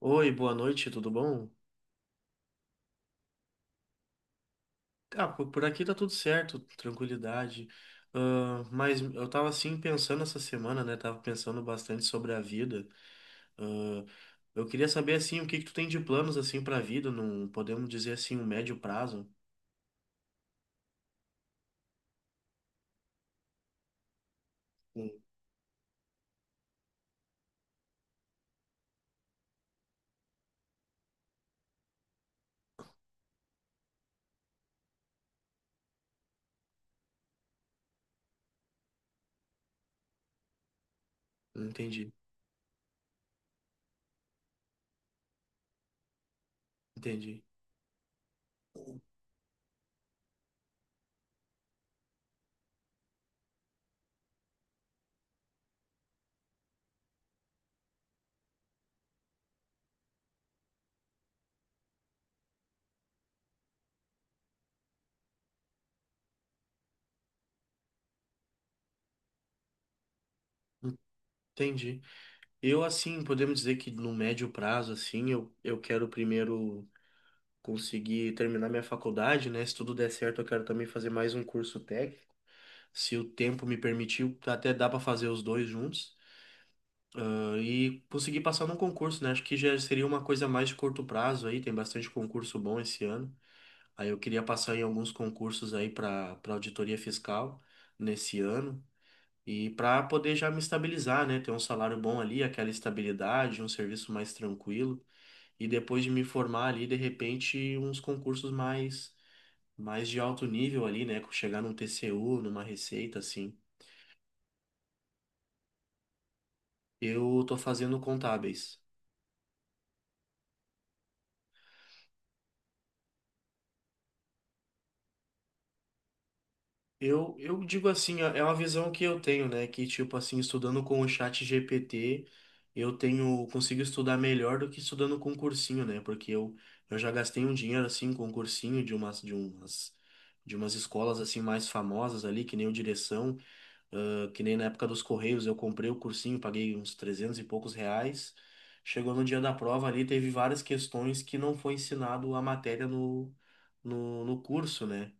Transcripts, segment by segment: Oi, boa noite, tudo bom? Por aqui tá tudo certo, tranquilidade. Mas eu tava assim pensando essa semana, né? Tava pensando bastante sobre a vida. Ah, eu queria saber assim, o que que tu tem de planos assim para a vida. Não podemos dizer assim, um médio prazo? Hum. Entendi, entendi. Entendi. Eu assim, podemos dizer que no médio prazo assim, eu quero primeiro conseguir terminar minha faculdade, né? Se tudo der certo, eu quero também fazer mais um curso técnico. Se o tempo me permitir até dá para fazer os dois juntos. E conseguir passar num concurso, né? Acho que já seria uma coisa mais de curto prazo aí. Tem bastante concurso bom esse ano. Aí eu queria passar em alguns concursos aí para auditoria fiscal nesse ano. E para poder já me estabilizar, né? Ter um salário bom ali, aquela estabilidade, um serviço mais tranquilo. E depois de me formar ali, de repente, uns concursos mais, mais de alto nível ali, né? Chegar num TCU, numa receita, assim. Eu tô fazendo contábeis. Eu digo assim, é uma visão que eu tenho, né? Que, tipo assim, estudando com o chat GPT, eu tenho, consigo estudar melhor do que estudando com um cursinho, né? Porque eu já gastei um dinheiro, assim, com um cursinho de umas escolas, assim, mais famosas ali, que nem o Direção, que nem na época dos Correios, eu comprei o cursinho, paguei uns 300 e poucos reais. Chegou no dia da prova ali, teve várias questões que não foi ensinado a matéria no curso, né?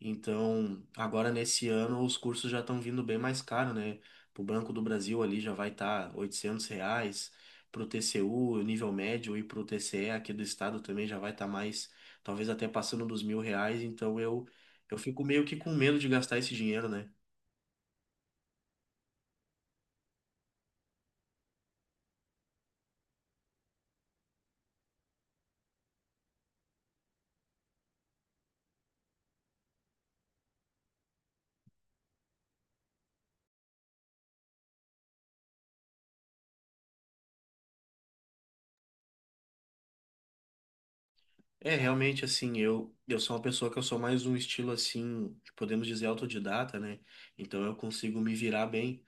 Então, agora nesse ano os cursos já estão vindo bem mais caro, né? Pro Banco do Brasil ali já vai estar tá R$ 800, pro TCU, nível médio, e pro TCE aqui do estado também já vai estar mais, talvez até passando dos 1.000 reais, então eu fico meio que com medo de gastar esse dinheiro, né? É, realmente, assim, eu sou uma pessoa que eu sou mais um estilo, assim, podemos dizer, autodidata, né? Então eu consigo me virar bem.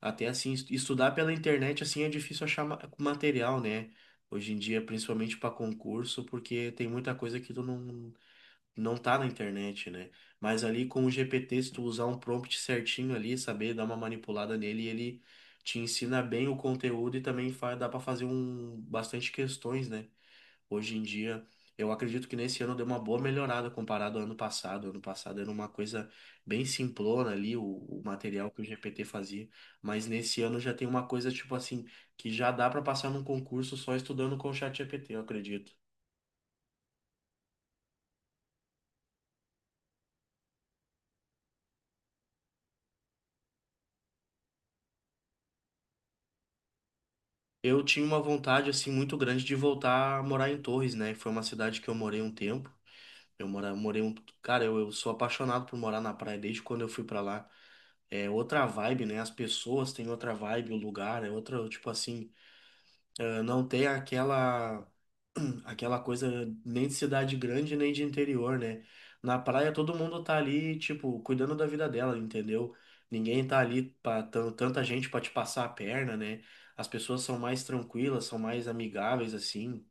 Até assim, estudar pela internet assim é difícil achar material, né? Hoje em dia, principalmente para concurso, porque tem muita coisa que tu não tá na internet, né? Mas ali com o GPT, se tu usar um prompt certinho ali, saber dar uma manipulada nele, ele te ensina bem o conteúdo e também dá para fazer um bastante questões, né? Hoje em dia, eu acredito que nesse ano deu uma boa melhorada comparado ao ano passado. Ano passado era uma coisa bem simplona ali, o material que o GPT fazia. Mas nesse ano já tem uma coisa tipo assim, que já dá para passar num concurso só estudando com o chat GPT eu acredito. Eu tinha uma vontade assim muito grande de voltar a morar em Torres, né? Foi uma cidade que eu morei um tempo. Eu morei cara, eu sou apaixonado por morar na praia desde quando eu fui para lá. É outra vibe, né? As pessoas têm outra vibe, o lugar é outra, tipo assim, não tem aquela aquela coisa nem de cidade grande nem de interior, né? Na praia todo mundo tá ali, tipo, cuidando da vida dela, entendeu? Ninguém tá ali para tanta gente pra te passar a perna, né? As pessoas são mais tranquilas, são mais amigáveis assim,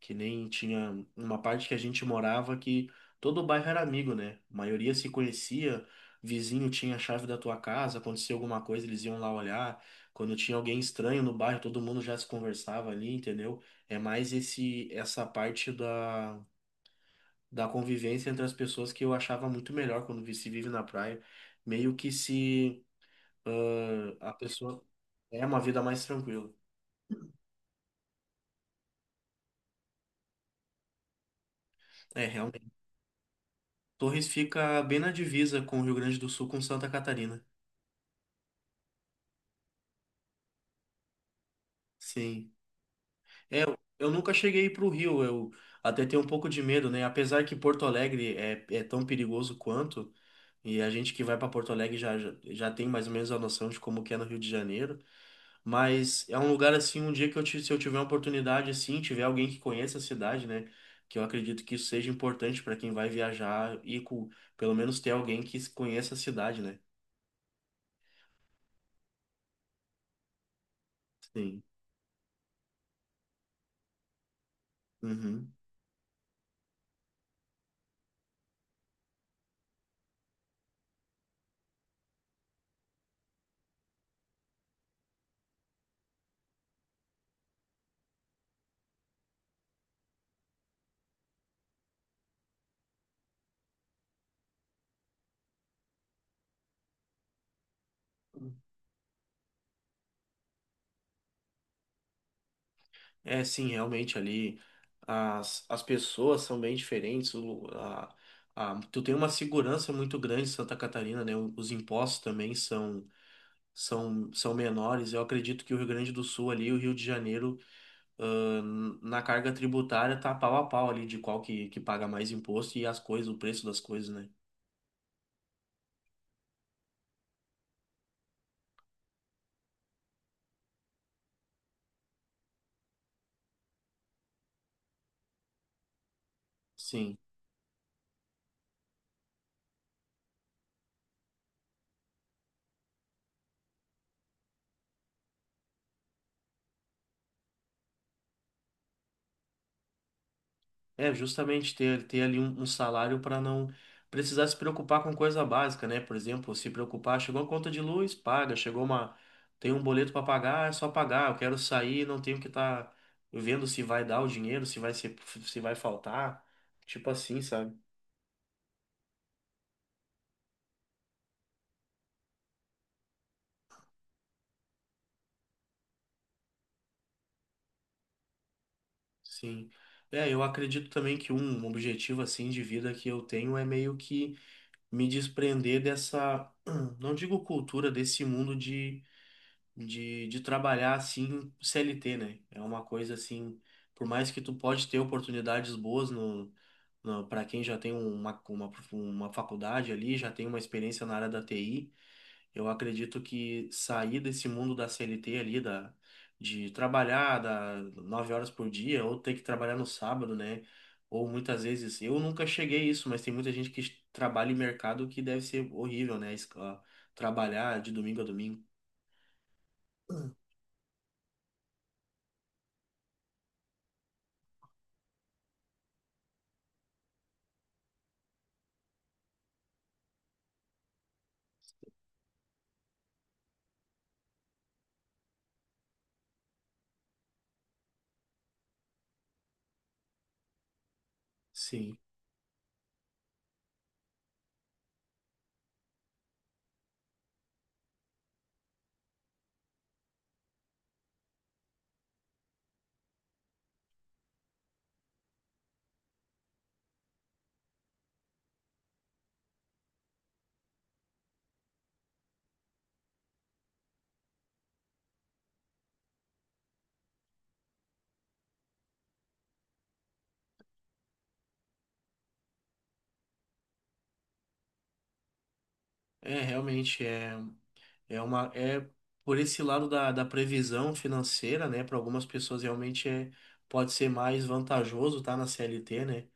que nem tinha uma parte que a gente morava que todo o bairro era amigo, né? A maioria se conhecia, vizinho tinha a chave da tua casa, acontecia alguma coisa, eles iam lá olhar. Quando tinha alguém estranho no bairro, todo mundo já se conversava ali, entendeu? É mais esse essa parte da convivência entre as pessoas que eu achava muito melhor quando se vive na praia. Meio que se a pessoa é uma vida mais tranquila. É, realmente. Torres fica bem na divisa com o Rio Grande do Sul, com Santa Catarina. Sim. É, eu nunca cheguei para o Rio, eu até tenho um pouco de medo, né? Apesar que Porto Alegre é, é tão perigoso quanto. E a gente que vai para Porto Alegre já, já, já tem mais ou menos a noção de como que é no Rio de Janeiro, mas é um lugar assim, um dia que eu se eu tiver uma oportunidade assim, tiver alguém que conheça a cidade, né, que eu acredito que isso seja importante para quem vai viajar e com, pelo menos ter alguém que conheça a cidade, né? Sim. Uhum. É, sim, realmente ali as pessoas são bem diferentes, a, a, tu tem uma segurança muito grande em Santa Catarina, né? Os impostos também são, menores. Eu acredito que o Rio Grande do Sul ali, o Rio de Janeiro, ah, na carga tributária tá pau a pau ali de qual que paga mais imposto e as coisas, o preço das coisas, né? Sim. É justamente ter ali um salário para não precisar se preocupar com coisa básica, né? Por exemplo, se preocupar, chegou a conta de luz, paga, chegou tem um boleto para pagar, é só pagar. Eu quero sair, não tenho que estar vendo se vai dar o dinheiro, se vai ser, se vai faltar, tipo assim, sabe? Sim. É, eu acredito também que um objetivo assim de vida que eu tenho é meio que me desprender dessa, não digo cultura, desse mundo de trabalhar assim CLT, né? É uma coisa assim, por mais que tu pode ter oportunidades boas no, no, para quem já tem uma, uma faculdade ali, já tem uma experiência na área da TI, eu acredito que sair desse mundo da CLT ali, da, de trabalhar da 9 horas por dia, ou ter que trabalhar no sábado, né? Ou muitas vezes, eu nunca cheguei a isso, mas tem muita gente que trabalha em mercado que deve ser horrível, né? Trabalhar de domingo a domingo. Sim. É, realmente, é, é uma. É por esse lado da, da previsão financeira, né? Para algumas pessoas realmente é, pode ser mais vantajoso estar na CLT, né?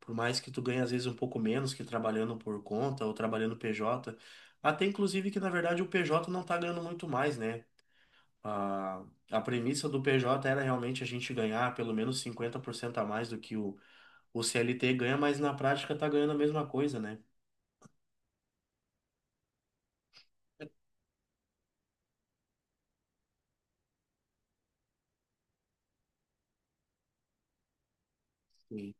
Por mais que tu ganhe às vezes um pouco menos que trabalhando por conta ou trabalhando PJ, até inclusive que na verdade o PJ não tá ganhando muito mais, né? A, a premissa do PJ era realmente a gente ganhar pelo menos 50% a mais do que o CLT ganha, mas na prática tá ganhando a mesma coisa, né? Sim.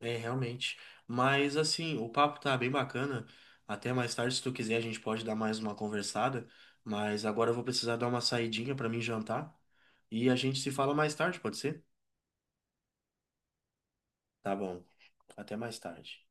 É, realmente. Mas assim, o papo tá bem bacana. Até mais tarde, se tu quiser, a gente pode dar mais uma conversada. Mas agora eu vou precisar dar uma saidinha pra mim jantar. E a gente se fala mais tarde, pode ser? Tá bom. Até mais tarde.